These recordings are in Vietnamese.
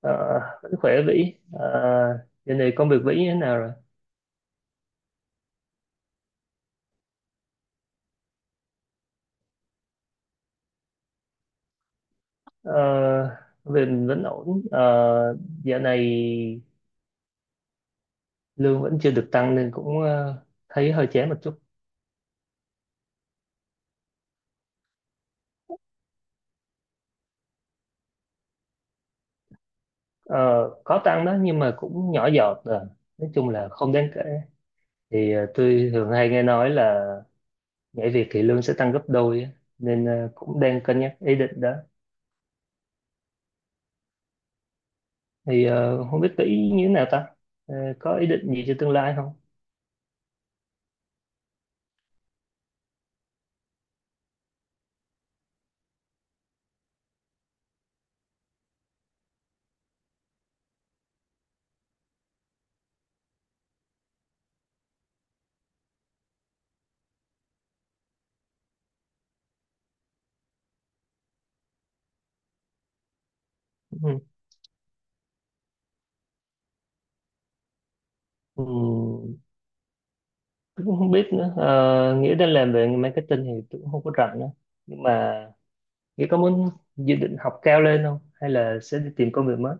Ờ, vẫn khỏe Vĩ. Ờ, Dạo này công việc Vĩ như thế nào rồi? Ờ, công việc mình vẫn ổn. Ờ, Dạo này lương vẫn chưa được tăng nên cũng thấy hơi chán một chút. Ờ, có tăng đó nhưng mà cũng nhỏ giọt rồi, nói chung là không đáng kể. Thì tôi thường hay nghe nói là nhảy việc thì lương sẽ tăng gấp đôi á. Nên cũng đang cân nhắc ý định đó. Thì không biết Vĩ như thế nào ta? Có ý định gì cho tương lai không? Ừ. Ừ. Tôi cũng không biết nữa. Ờ, Nghĩa đang làm về marketing thì tôi cũng không có rảnh nữa. Nhưng mà nghĩa có muốn dự định học cao lên không hay là sẽ đi tìm công việc mới?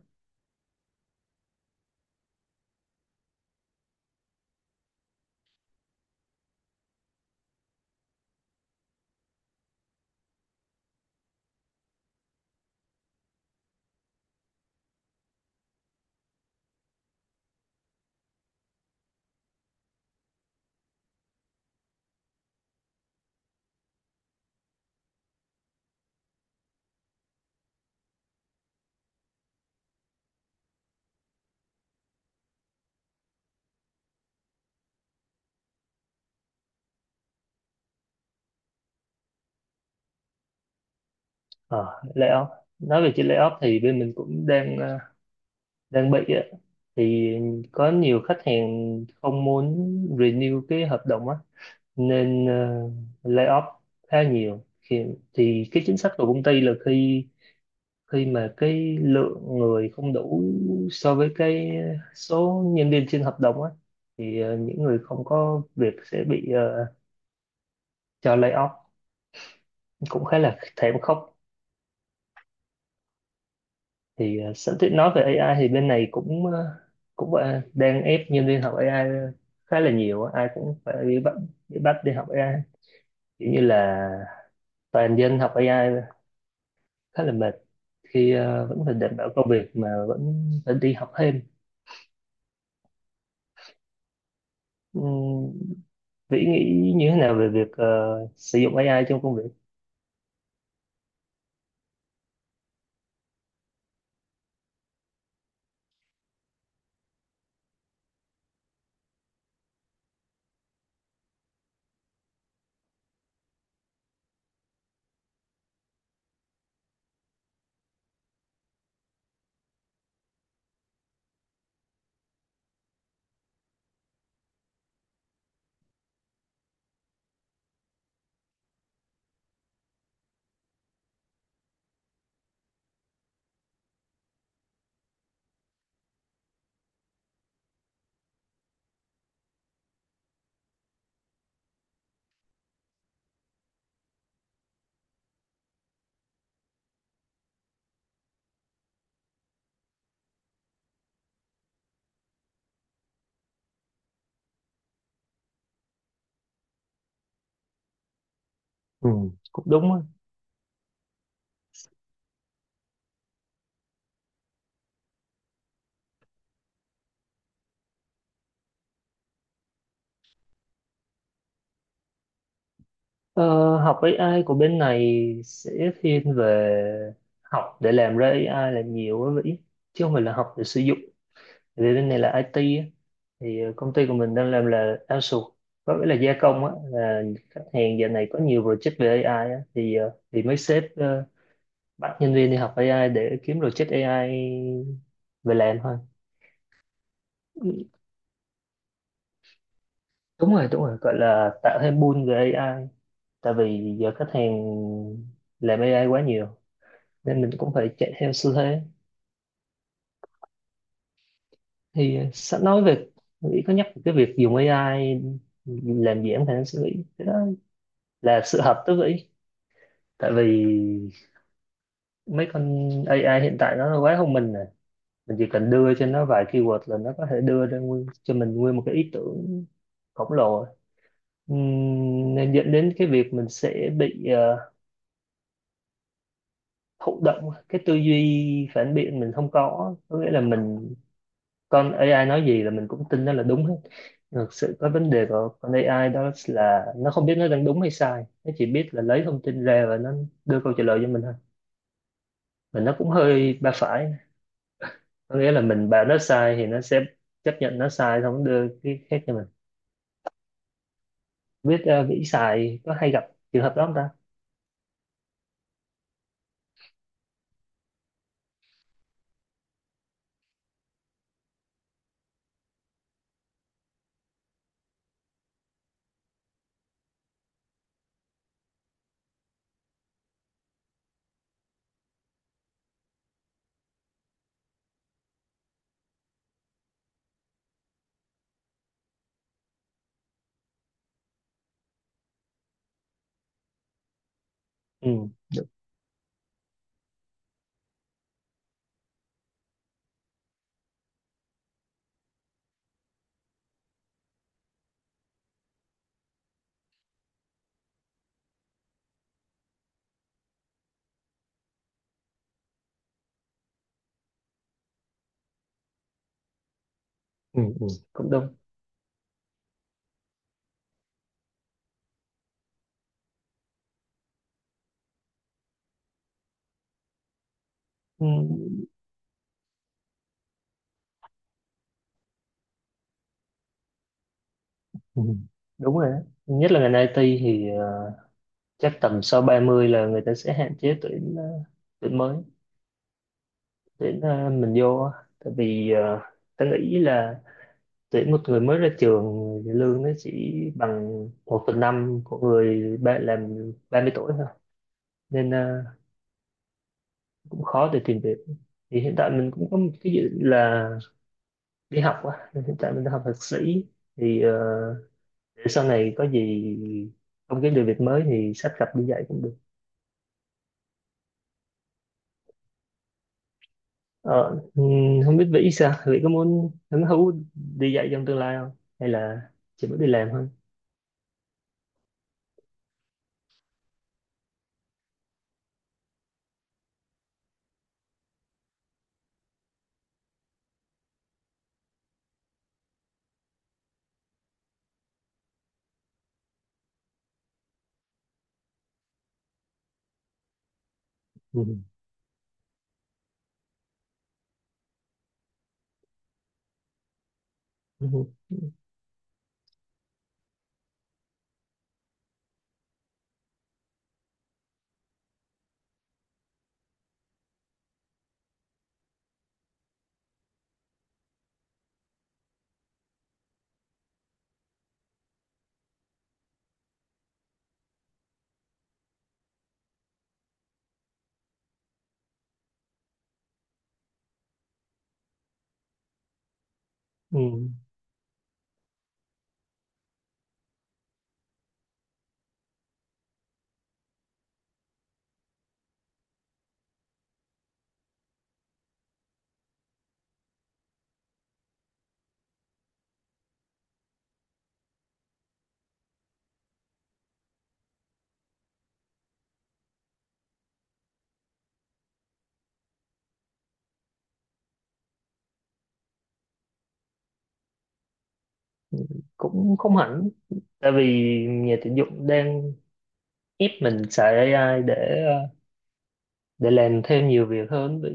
Ờ layoff nói về chuyện layoff thì bên mình cũng đang bị á. Thì có nhiều khách hàng không muốn renew cái hợp đồng á, nên layoff khá nhiều thì cái chính sách của công ty là khi khi mà cái lượng người không đủ so với cái số nhân viên trên hợp đồng á, thì những người không có việc sẽ bị cho lay off. Cũng khá là thảm khốc. Thì sẵn tiện nói về AI thì bên này cũng đang ép nhân viên học AI khá là nhiều á. Ai cũng phải bị bắt đi học AI, kiểu như là toàn dân học AI, khá là mệt khi vẫn phải đảm bảo công việc mà vẫn phải đi học thêm. Ừm, Vĩ nghĩ như thế nào về việc sử dụng AI trong công việc? Ừ, cũng đúng á. Ờ, học AI của bên này sẽ thiên về học để làm ra AI là nhiều á Vĩ, chứ không phải là học để sử dụng. Tại vì bên này là IT á, thì công ty của mình đang làm là outsource, có nghĩa là gia công á, là khách hàng giờ này có nhiều project về AI á, thì mấy sếp bắt nhân viên đi học AI để kiếm project AI về làm thôi. Đúng rồi, đúng rồi, gọi là tạo thêm pull về AI, tại vì giờ khách hàng làm AI quá nhiều nên mình cũng phải chạy theo xu thế. Thì sẵn nói về nghĩ có nhắc về cái việc dùng AI làm giảm khả năng suy nghĩ, cái đó là sự hợp tới vĩ, tại vì mấy con AI hiện tại nó quá thông minh rồi, mình chỉ cần đưa cho nó vài keyword là nó có thể đưa ra nguyên, cho mình nguyên một cái ý tưởng khổng lồ. Nên dẫn đến cái việc mình sẽ bị thụ động, cái tư duy phản biện mình không có, có nghĩa là mình con AI nói gì là mình cũng tin nó là đúng hết. Thực sự có vấn đề của con AI đó là nó không biết nó đang đúng hay sai, nó chỉ biết là lấy thông tin ra và nó đưa câu trả lời cho mình thôi. Và nó cũng hơi ba phải, có nghĩa là mình bảo nó sai thì nó sẽ chấp nhận nó sai xong nó đưa cái khác cho mình. Biết vĩ xài có hay gặp trường hợp đó không ta? Ừ, ừ, ừ, cũng đúng. Ừ, ừ, đúng rồi đó. Nhất là ngành IT thì chắc tầm sau 30 là người ta sẽ hạn chế tuyển tuyển mới, tuyển mình vô á. Tại vì ta nghĩ là tuyển một người mới ra trường thì lương nó chỉ bằng một phần năm của người ba, làm 30 tuổi thôi. Nên cũng khó để tìm việc. Thì hiện tại mình cũng có một cái dự định là đi học á, nên hiện tại mình đang học thạc sĩ. Thì để sau này có gì không kiếm được việc mới thì sắp gặp đi dạy cũng được. Ờ, không biết vĩ sao, vĩ có muốn hứng thú đi dạy trong tương lai không? Hay là chỉ muốn đi làm thôi? Ừ. Ừ. Ừ. Cũng không hẳn, tại vì nhà tuyển dụng đang ép mình xài AI để làm thêm nhiều việc hơn vĩ.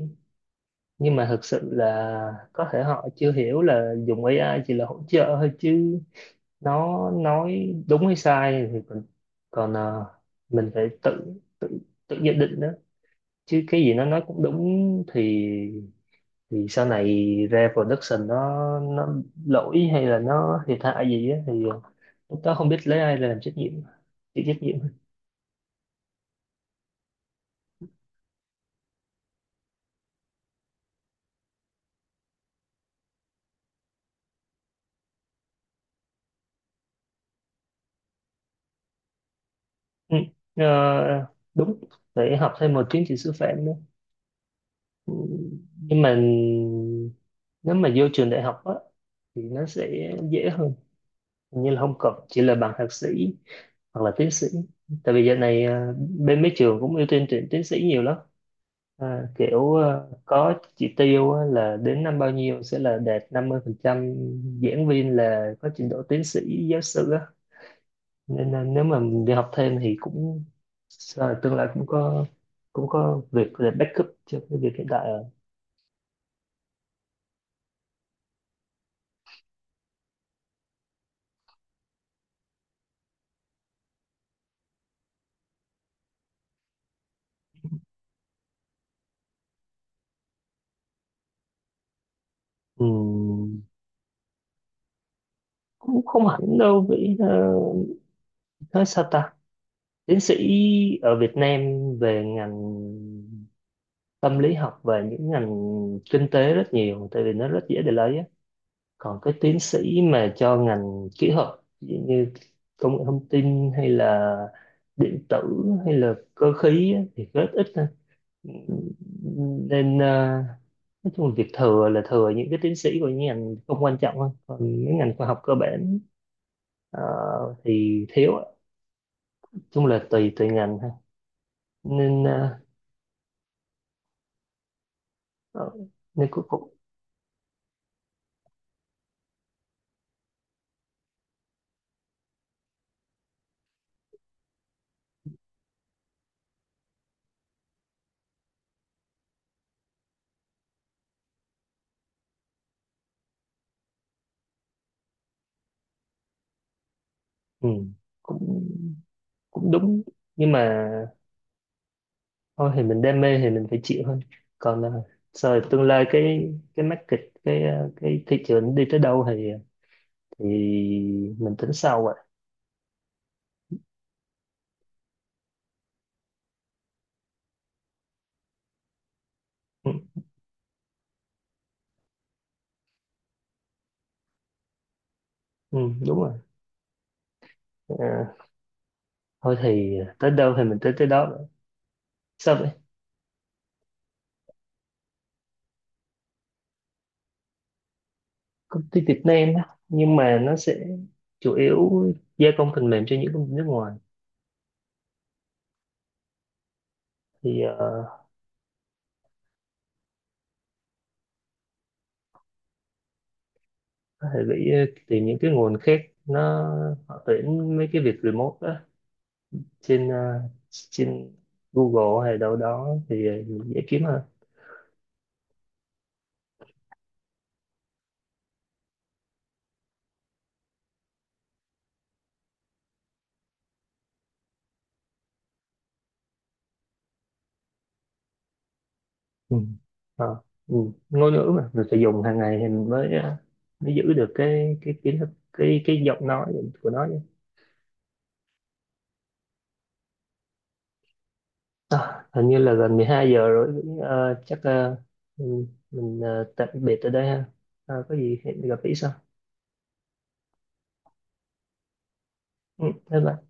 Nhưng mà thực sự là có thể họ chưa hiểu là dùng AI chỉ là hỗ trợ thôi, chứ nó nói đúng hay sai thì còn còn ờ, mình phải tự tự tự nhận định đó, chứ cái gì nó nói cũng đúng thì sau này ra production nó lỗi hay là nó thiệt hại gì á, thì lúc đó không biết lấy ai là làm trách nhiệm, chịu trách nhiệm. Ừ. ờ, Đúng, phải học thêm một chứng chỉ sư phạm nữa. Ừ. Nhưng mà nếu mà vô trường đại học á thì nó sẽ dễ hơn. Hình như là không cần, chỉ là bằng thạc sĩ hoặc là tiến sĩ, tại vì giờ này bên mấy trường cũng ưu tiên tuyển tiến sĩ nhiều lắm. À, kiểu có chỉ tiêu á, là đến năm bao nhiêu sẽ là đạt 50% giảng viên là có trình độ tiến sĩ giáo sư á. Nên là nếu mà mình đi học thêm thì cũng sợ là tương lai cũng có việc để backup cho cái việc hiện tại rồi. Ừm, cũng không hẳn đâu vì nói sao ta. Tiến sĩ ở Việt Nam về ngành tâm lý học và những ngành kinh tế rất nhiều, tại vì nó rất dễ để lấy á. Còn cái tiến sĩ mà cho ngành kỹ thuật, ví dụ như công nghệ thông tin hay là điện tử hay là cơ khí á, thì rất ít thôi. Nên nói chung là việc thừa là thừa những cái tiến sĩ của những ngành không quan trọng thôi, còn mấy ngành khoa học cơ bản ờ, thì thiếu ạ. Nói chung là tùy tùy ngành ha. Nên ờ, ờ, nên cũng cũng ừ, cũng cũng đúng. Nhưng mà thôi thì mình đam mê thì mình phải chịu thôi. Còn rồi tương lai cái market, cái thị trường đi tới đâu thì mình tính sau rồi. Ừ, ừ, đúng rồi. Ờ, thôi thì tới đâu thì mình tới tới đó. Sao vậy? Công ty Việt Nam á, nhưng mà nó sẽ chủ yếu gia công phần mềm cho những công ty nước ngoài. Thì có thể bị tìm những cái nguồn khác, nó họ tuyển mấy cái việc remote á, trên ờ, trên Google hay đâu đó thì dễ kiếm. Ừ. Ờ, ừ. Ngôn ngữ mà mình phải dùng hàng ngày thì mình mới giữ được cái kiến thức, cái giọng nói của nó chứ. À, hình như là gần 12 giờ rồi. Ờ, chắc mình tạm biệt ở đây ha. Có gì hẹn gặp lại sau. Ừ, bye bye.